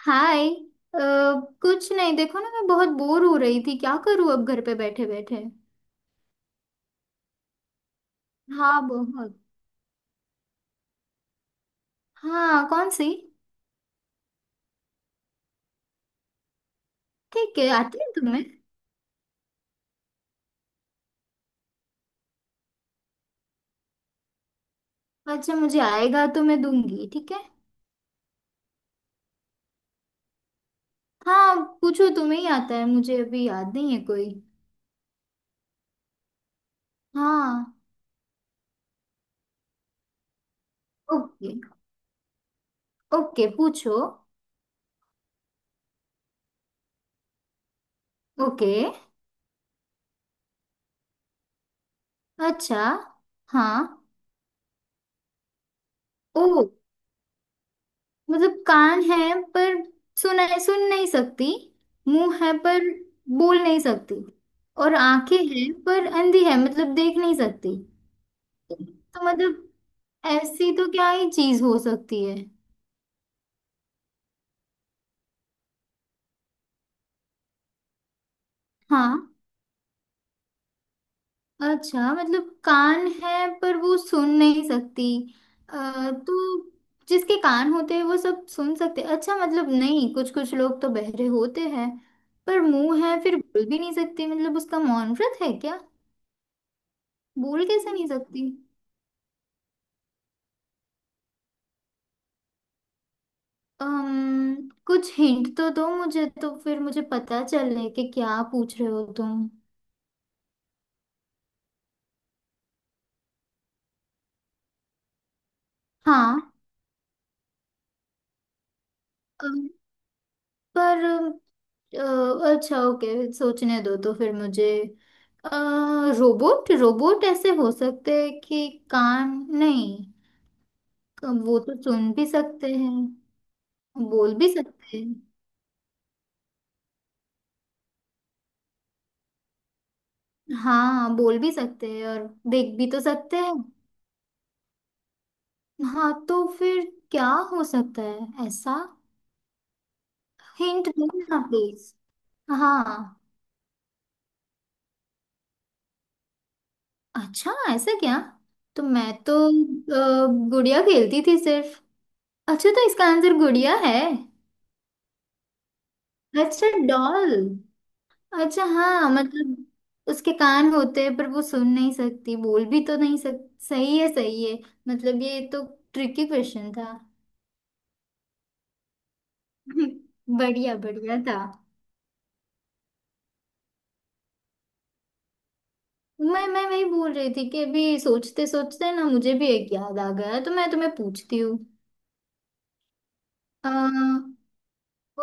हाय। अ, कुछ नहीं, देखो ना, मैं बहुत बोर हो रही थी। क्या करूँ अब घर पे बैठे बैठे। हाँ, बहुत। हाँ, कौन सी? ठीक है, आती है तुम्हें? अच्छा, मुझे आएगा तो मैं दूंगी, ठीक है। हाँ। पूछो, तुम्हें ही आता है, मुझे अभी याद नहीं है कोई। हाँ। ओके। ओके, पूछो। ओके। अच्छा। हाँ। ओ, मतलब कान है पर सुन सुन नहीं सकती। मुंह है पर बोल नहीं सकती। और आंखें हैं पर अंधी है, मतलब देख नहीं सकती। तो मतलब, ऐसी तो क्या ही चीज हो सकती है। हाँ। अच्छा, मतलब कान है पर वो सुन नहीं सकती। तो जिसके कान होते हैं वो सब सुन सकते। अच्छा, मतलब नहीं, कुछ कुछ लोग तो बहरे होते हैं। पर मुंह है फिर बोल भी नहीं सकते, मतलब उसका मौन व्रत है क्या? बोल कैसे नहीं सकती? कुछ हिंट तो दो मुझे, तो फिर मुझे पता चले कि क्या पूछ रहे हो तुम। हाँ। अम, पर, अच्छा ओके, सोचने दो तो फिर मुझे। अ, रोबोट रोबोट ऐसे हो सकते हैं कि कान। नहीं, वो तो सुन भी सकते हैं, बोल भी सकते हैं। हाँ, बोल भी सकते हैं और देख भी तो सकते हैं। हाँ तो फिर क्या, हो सकता है ऐसा? हिंट दो ना प्लीज। हाँ। अच्छा, ऐसा क्या? तो मैं तो गुड़िया खेलती थी सिर्फ। अच्छा, तो इसका आंसर गुड़िया है? अच्छा, डॉल। अच्छा हाँ, मतलब उसके कान होते हैं पर वो सुन नहीं सकती, बोल भी तो नहीं सक सही है, सही है। मतलब ये तो ट्रिकी क्वेश्चन था। बढ़िया, बढ़िया था। मैं वही बोल रही थी कि अभी सोचते सोचते ना मुझे भी एक याद आ गया, तो मैं तुम्हें पूछती हूँ। अ,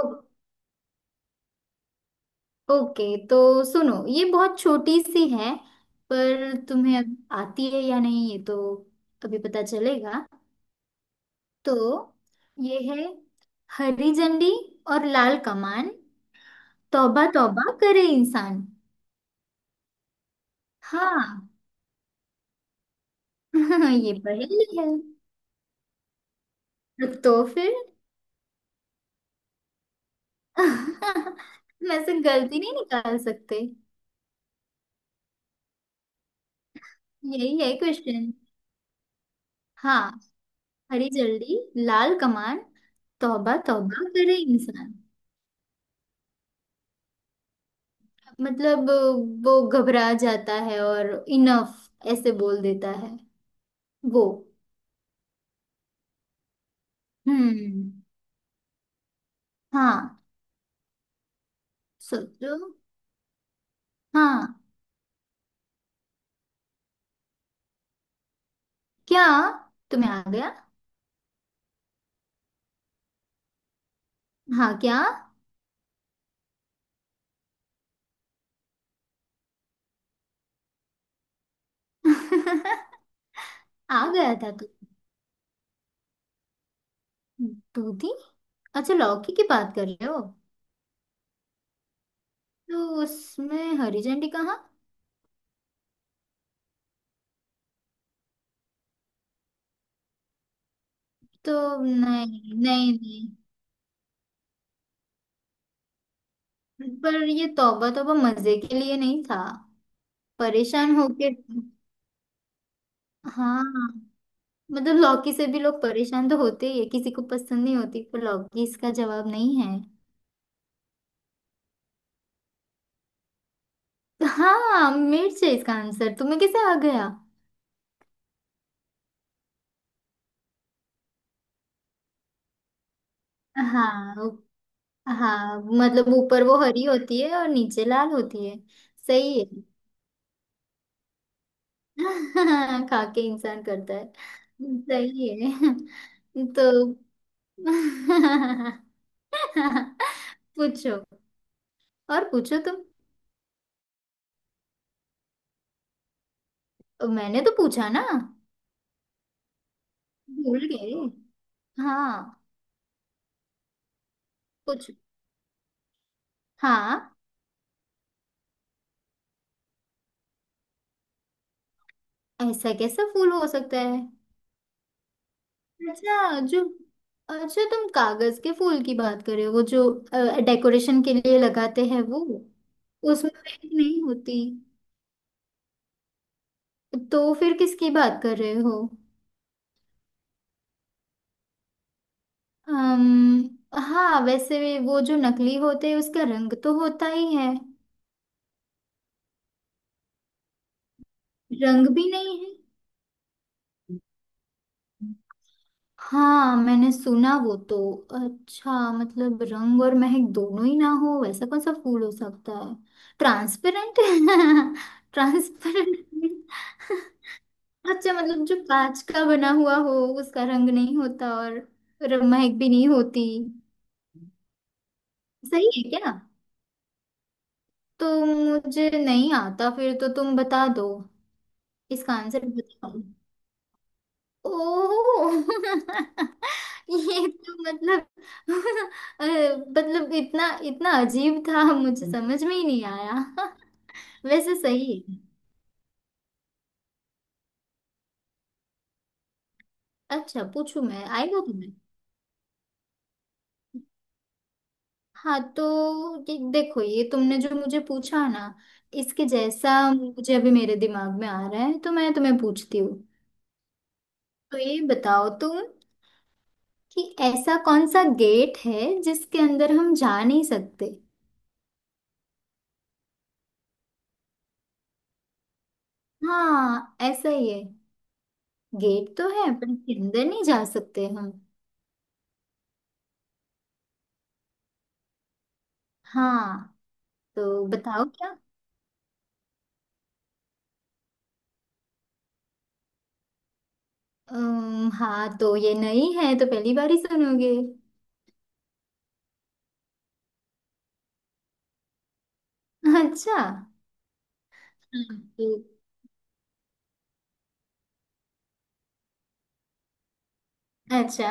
ओके तो सुनो, ये बहुत छोटी सी है। पर तुम्हें अब आती है या नहीं ये तो अभी पता चलेगा। तो ये है, हरी झंडी और लाल कमान, तौबा तौबा करे इंसान। हाँ। ये पहेली है। तो फिर मैं से गलती नहीं निकाल सकते। यही है क्वेश्चन। हाँ। हरी झंडी, लाल कमान, तौबा तौबा करे इंसान। मतलब वो घबरा जाता है और इनफ ऐसे बोल देता है वो। हम्म। हाँ। सोचो। हाँ, क्या? तुम्हें आ गया? हाँ, क्या? आ गया था तू। दूधी। अच्छा, लौकी की बात कर रहे हो? तो उसमें हरी झंडी कहाँ? तो नहीं नहीं। नहीं, पर ये तौबा तौबा मजे के लिए नहीं था, परेशान होके। हाँ, मतलब लौकी से भी लोग परेशान तो होते ही है, किसी को पसंद नहीं होती, पर लौकी इसका जवाब नहीं है। तो हाँ, मिर्च है इसका आंसर। तुम्हें कैसे आ गया? हाँ। हाँ मतलब ऊपर वो हरी होती है और नीचे लाल होती है। सही है। खा के इंसान करता है। सही है। तो पूछो। और पूछो तुम। मैंने तो पूछा ना। भूल गए। हाँ। पूछो। हाँ। ऐसा कैसा फूल हो सकता है? अच्छा, जो, अच्छा, तुम कागज के फूल की बात कर रहे हो? वो जो डेकोरेशन के लिए लगाते हैं वो? उसमें मेहंदी नहीं होती। तो फिर किसकी बात कर रहे हो? अम्म, हाँ, वैसे भी वो जो नकली होते हैं उसका रंग तो होता ही है। रंग भी नहीं है। हाँ, मैंने सुना वो तो। अच्छा, मतलब रंग और महक दोनों ही ना हो, वैसा कौन सा फूल हो सकता है? ट्रांसपेरेंट। ट्रांसपेरेंट। अच्छा, मतलब जो कांच का बना हुआ हो, उसका रंग नहीं होता और महक भी नहीं होती। सही है क्या? तो मुझे नहीं आता फिर, तो तुम बता दो। इसका आंसर बताओ। ओह। ये तो मतलब मतलब इतना इतना अजीब था, मुझे समझ में ही नहीं आया। वैसे सही है। अच्छा, पूछू? मैं आएगा तुम्हें? हाँ तो ये देखो, ये तुमने जो मुझे पूछा ना, इसके जैसा मुझे अभी मेरे दिमाग में आ रहा है, तो मैं तुम्हें पूछती हूँ। तो ये बताओ तुम कि ऐसा कौन सा गेट है जिसके अंदर हम जा नहीं सकते? हाँ, ऐसा ही है। गेट तो है पर इसके अंदर नहीं जा सकते हम। हाँ तो बताओ क्या? हाँ तो ये नई है तो पहली बार ही सुनोगे। अच्छा। हम्म। अच्छा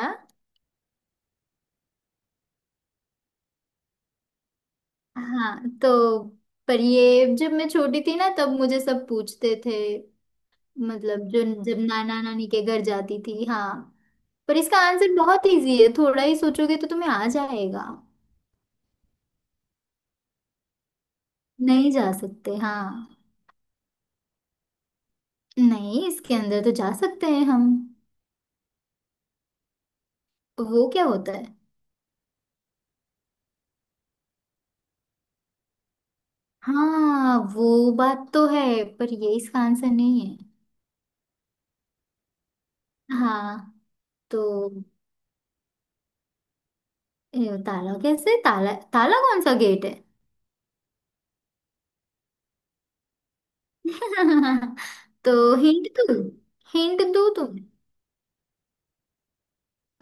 हाँ तो पर ये जब मैं छोटी थी ना तब मुझे सब पूछते थे। मतलब जो जब नाना नानी के घर जाती थी, हाँ। पर इसका आंसर बहुत इजी है, थोड़ा ही सोचोगे तो तुम्हें आ जाएगा। नहीं जा सकते, हाँ। नहीं, इसके अंदर तो जा सकते हैं हम। वो क्या होता है? हाँ वो बात तो है पर ये इसका आंसर नहीं है। हाँ। तो ये ताला कैसे? ताला ताला कौन सा गेट है? तो हिंट दो। हिंट दो तुम।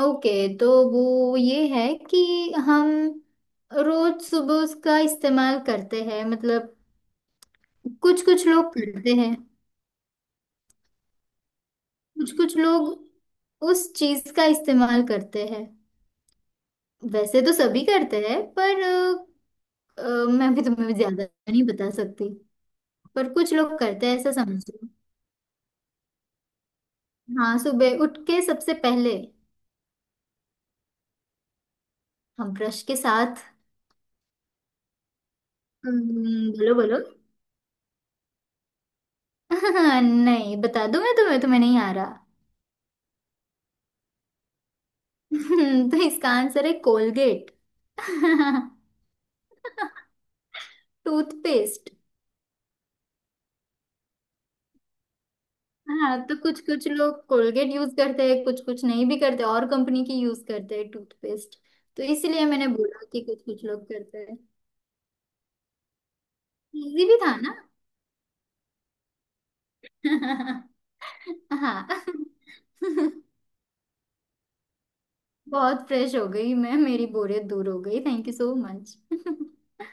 ओके। तो वो ये है कि हम रोज सुबह उसका इस्तेमाल करते हैं, मतलब कुछ कुछ लोग करते हैं। कुछ कुछ लोग उस चीज का इस्तेमाल करते हैं। वैसे तो सभी करते हैं पर अ, मैं भी तुम्हें ज्यादा नहीं बता सकती, पर कुछ लोग करते हैं ऐसा समझो। हाँ, सुबह उठ के सबसे पहले हम ब्रश के साथ, बोलो बोलो। नहीं, बता दूं मैं तुम्हें, तुम्हें नहीं आ रहा। तो इसका आंसर है कोलगेट। टूथपेस्ट। हाँ, तो कुछ कुछ लोग कोलगेट यूज करते हैं, कुछ कुछ नहीं भी करते और कंपनी की यूज करते हैं टूथपेस्ट। तो इसीलिए मैंने बोला कि कुछ कुछ लोग करते हैं। इजी भी था ना। हाँ। बहुत फ्रेश हो गई मैं, मेरी बोरियत दूर हो गई, थैंक यू सो मच।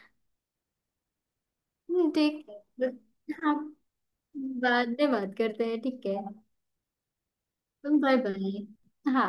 ठीक है। हाँ। बाद में बात करते हैं, ठीक है। Bye bye. हाँ।